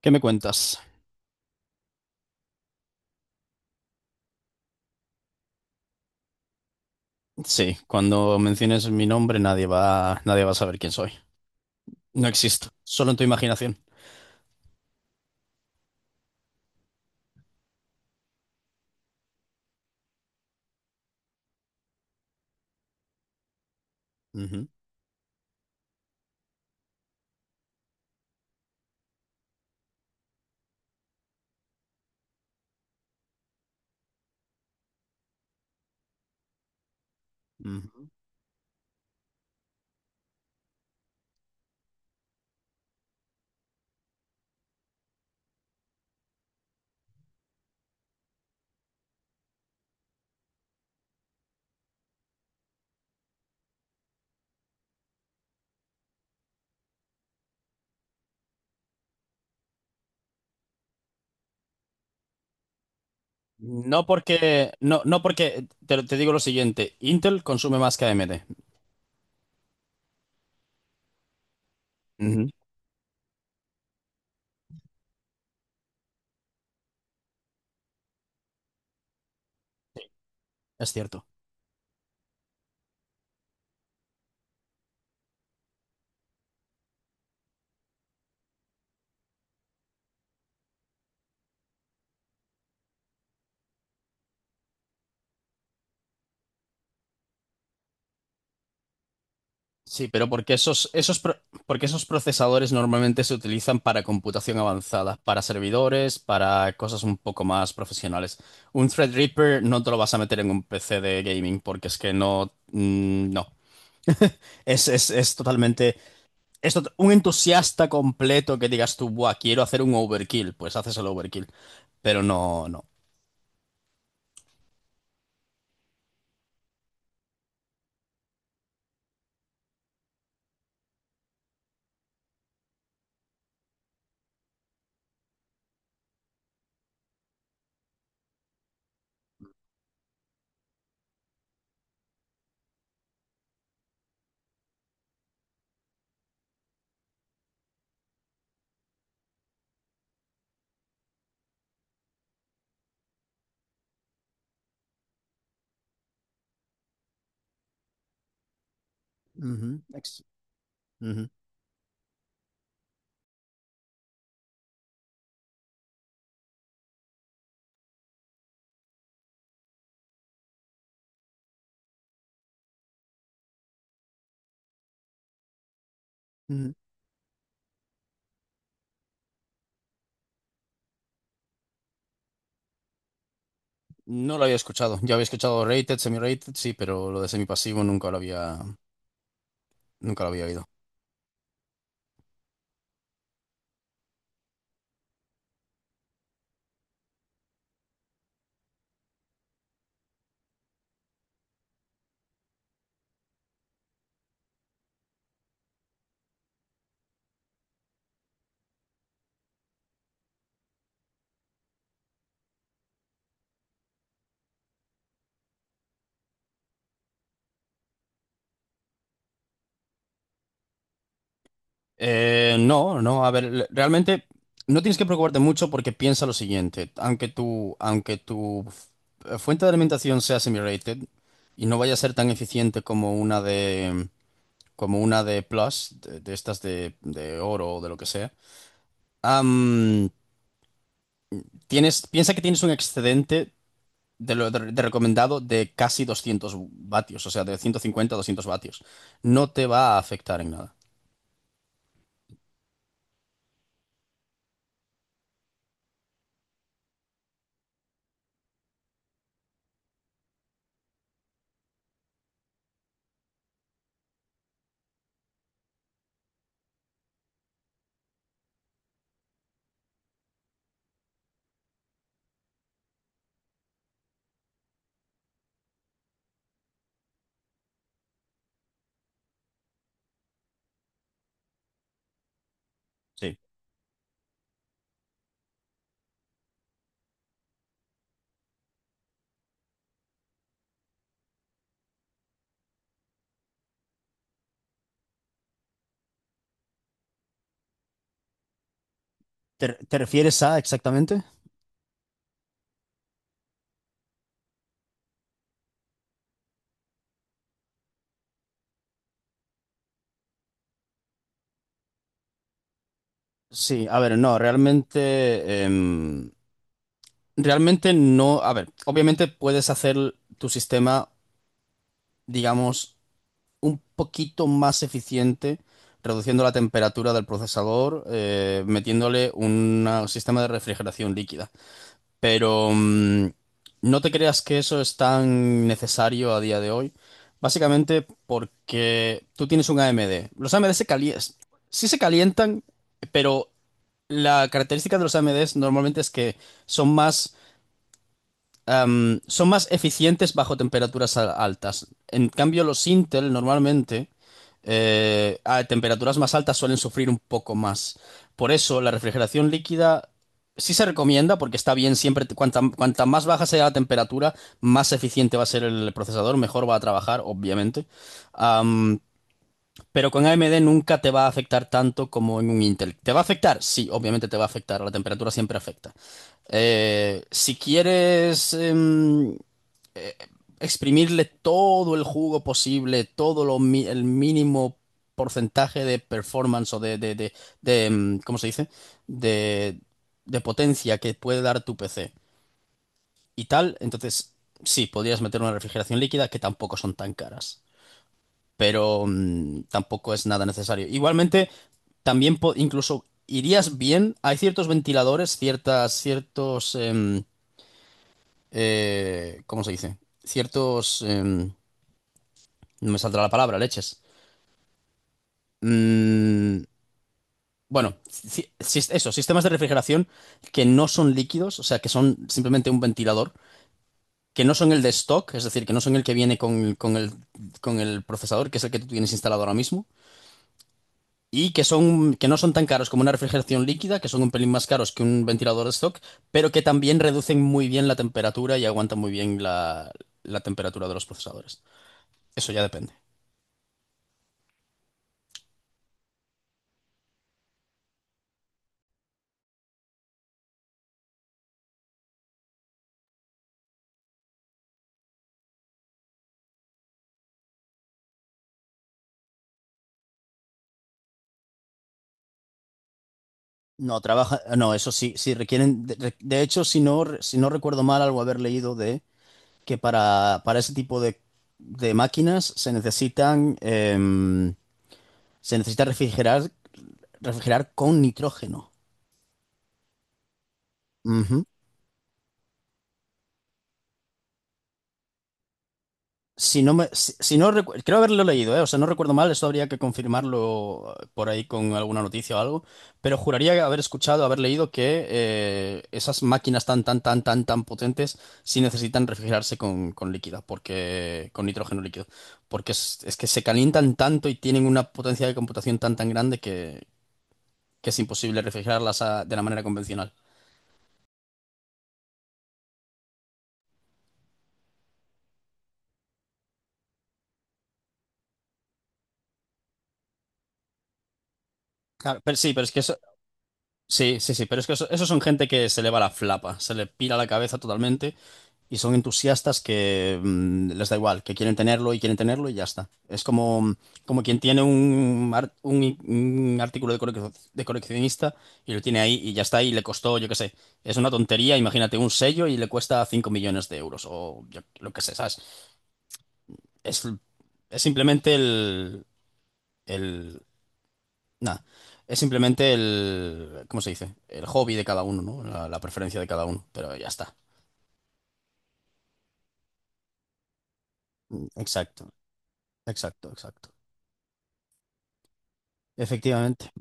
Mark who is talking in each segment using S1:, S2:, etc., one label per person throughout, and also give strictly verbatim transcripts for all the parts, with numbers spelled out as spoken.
S1: ¿Qué me cuentas? Sí, cuando menciones mi nombre nadie va, nadie va a saber quién soy. No existo, solo en tu imaginación. Ujú, ujú. No porque, no, no porque, te, te digo lo siguiente, Intel consume más que A M D. Ujú. Es cierto. Sí, pero porque esos, esos, pro- porque esos procesadores normalmente se utilizan para computación avanzada, para servidores, para cosas un poco más profesionales. Un Threadripper no te lo vas a meter en un P C de gaming porque es que no, mm, no. Es, es, es totalmente. Esto, un entusiasta completo que digas tú, buah, quiero hacer un overkill, pues haces el overkill. Pero no, no. Ujú, ex- ujú, ujú. No lo había escuchado. Ya había escuchado rated, semi-rated, sí, pero lo de semipasivo nunca lo había, nunca lo había oído. Eh, no, no, a ver, le- realmente no tienes que preocuparte mucho porque piensa lo siguiente. Aunque tu, aunque tu f- eh, fuente de alimentación sea semi-rated y no vaya a ser tan eficiente como una de, como una de plus, de, de estas de, de oro o de lo que sea. Am, Tienes, piensa que tienes un excedente de lo de- de recomendado de casi 200 vatios, o sea, de ciento cincuenta a doscientos vatios. No te va a afectar en nada. Sí. ¿Te, te refieres a exactamente? Sí, a ver, no, realmente, em, realmente no, a ver, obviamente puedes hacer tu sistema, digamos, un poquito más eficiente, reduciendo la temperatura del procesador, eh, metiéndole una- un sistema de refrigeración líquida. Pero mm, no te creas que eso es tan necesario a día de hoy. Básicamente porque tú tienes un A M D. Los A M D se calientan, sí se calientan, pero la característica de los A M Des normalmente es que son más am, son más eficientes bajo temperaturas al- altas. En cambio, los Intel normalmente eh, a temperaturas más altas suelen sufrir un poco más. Por eso, la refrigeración líquida sí se recomienda porque está bien siempre, cuanta, cuanta más baja sea la temperatura, más eficiente va a ser el procesador, mejor va a trabajar, obviamente. Am, pero con A M D nunca te va a afectar tanto como en un Intel. ¿Te va a afectar? Sí, obviamente te va a afectar. La temperatura siempre afecta. Eh, si quieres em, eh, exprimirle todo el jugo posible, todo lo mi- el mínimo porcentaje de performance o de, de, de, de, em, ¿cómo se dice? De, de potencia que puede dar tu P C y tal, entonces sí, podrías meter una refrigeración líquida que tampoco son tan caras, pero mm, tampoco es nada necesario. Igualmente, también po- incluso irías bien, hay ciertos ventiladores, ciertas, ciertos. Em, eh, ¿cómo se dice? Ciertos. Em, no me saldrá la palabra, leches. Mm, bueno, ci- si- eso, sistemas de refrigeración que no son líquidos, o sea, que son simplemente un ventilador, que no son el de stock, es decir, que no son el que viene con, con el, con el procesador, que es el que tú tienes instalado ahora mismo, y que son, que no son tan caros como una refrigeración líquida, que son un pelín más caros que un ventilador de stock, pero que también reducen muy bien la temperatura y aguantan muy bien la, la temperatura de los procesadores. Eso ya depende. No, trabaja, no, eso sí, sí requieren, de, de hecho, si no, re- si no recuerdo mal, algo haber leído de que para, para ese tipo de, de, máquinas se necesitan, em, se necesita refrigerar, refrigerar con nitrógeno. Si no me, si, si no recu- Creo haberlo leído, ¿eh? O sea, no recuerdo mal, esto habría que confirmarlo eh, por ahí con alguna noticia o algo, pero juraría haber escuchado, haber leído que eh, esas máquinas tan, tan, tan, tan, tan potentes sí necesitan refrigerarse con, con líquida, porque, con nitrógeno líquido, porque es, es que se calientan tanto y tienen una potencia de computación tan, tan grande que, que es imposible refrigerarlas a- de la manera convencional. Claro, pero sí, pero es que eso, sí, sí, sí, pero es que eso, eso son gente que se le va la flapa, se le pira la cabeza totalmente. Y son entusiastas que mm, les da igual, que quieren tenerlo y quieren tenerlo y ya está. Es como, como quien tiene un, ar- un, un artículo de, colec- de coleccionista y lo tiene ahí y ya está y le costó, yo qué sé, es una tontería, imagínate un sello y le cuesta cinco millones de euros o yo, lo que sé, ¿sabes? Es, es simplemente el, el, nada, es simplemente el. ¿Cómo se dice? El hobby de cada uno, ¿no? La, la preferencia de cada uno, pero ya está. Exacto, exacto, exacto. Efectivamente.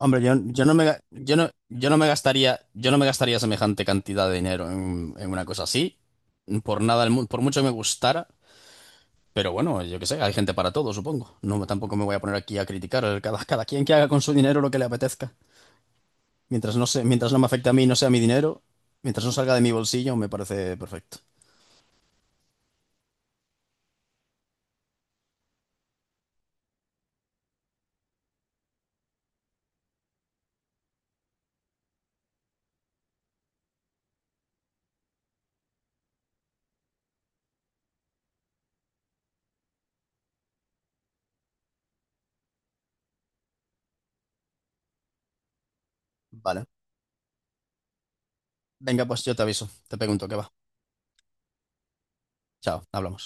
S1: Hombre, yo, yo no me, ga- yo no, yo no me gastaría, yo no me gastaría semejante cantidad de dinero en, en una cosa así. Por nada del mundo, por mucho que me gustara. Pero bueno, yo qué sé, hay gente para todo, supongo. No, tampoco me voy a poner aquí a criticar. Cada, cada quien que haga con su dinero lo que le apetezca. Mientras no se- mientras no me afecte a mí, y no sea mi dinero, mientras no salga de mi bolsillo, me parece perfecto. Vale. Venga, pues yo te aviso. Te pregunto qué va. Chao, hablamos.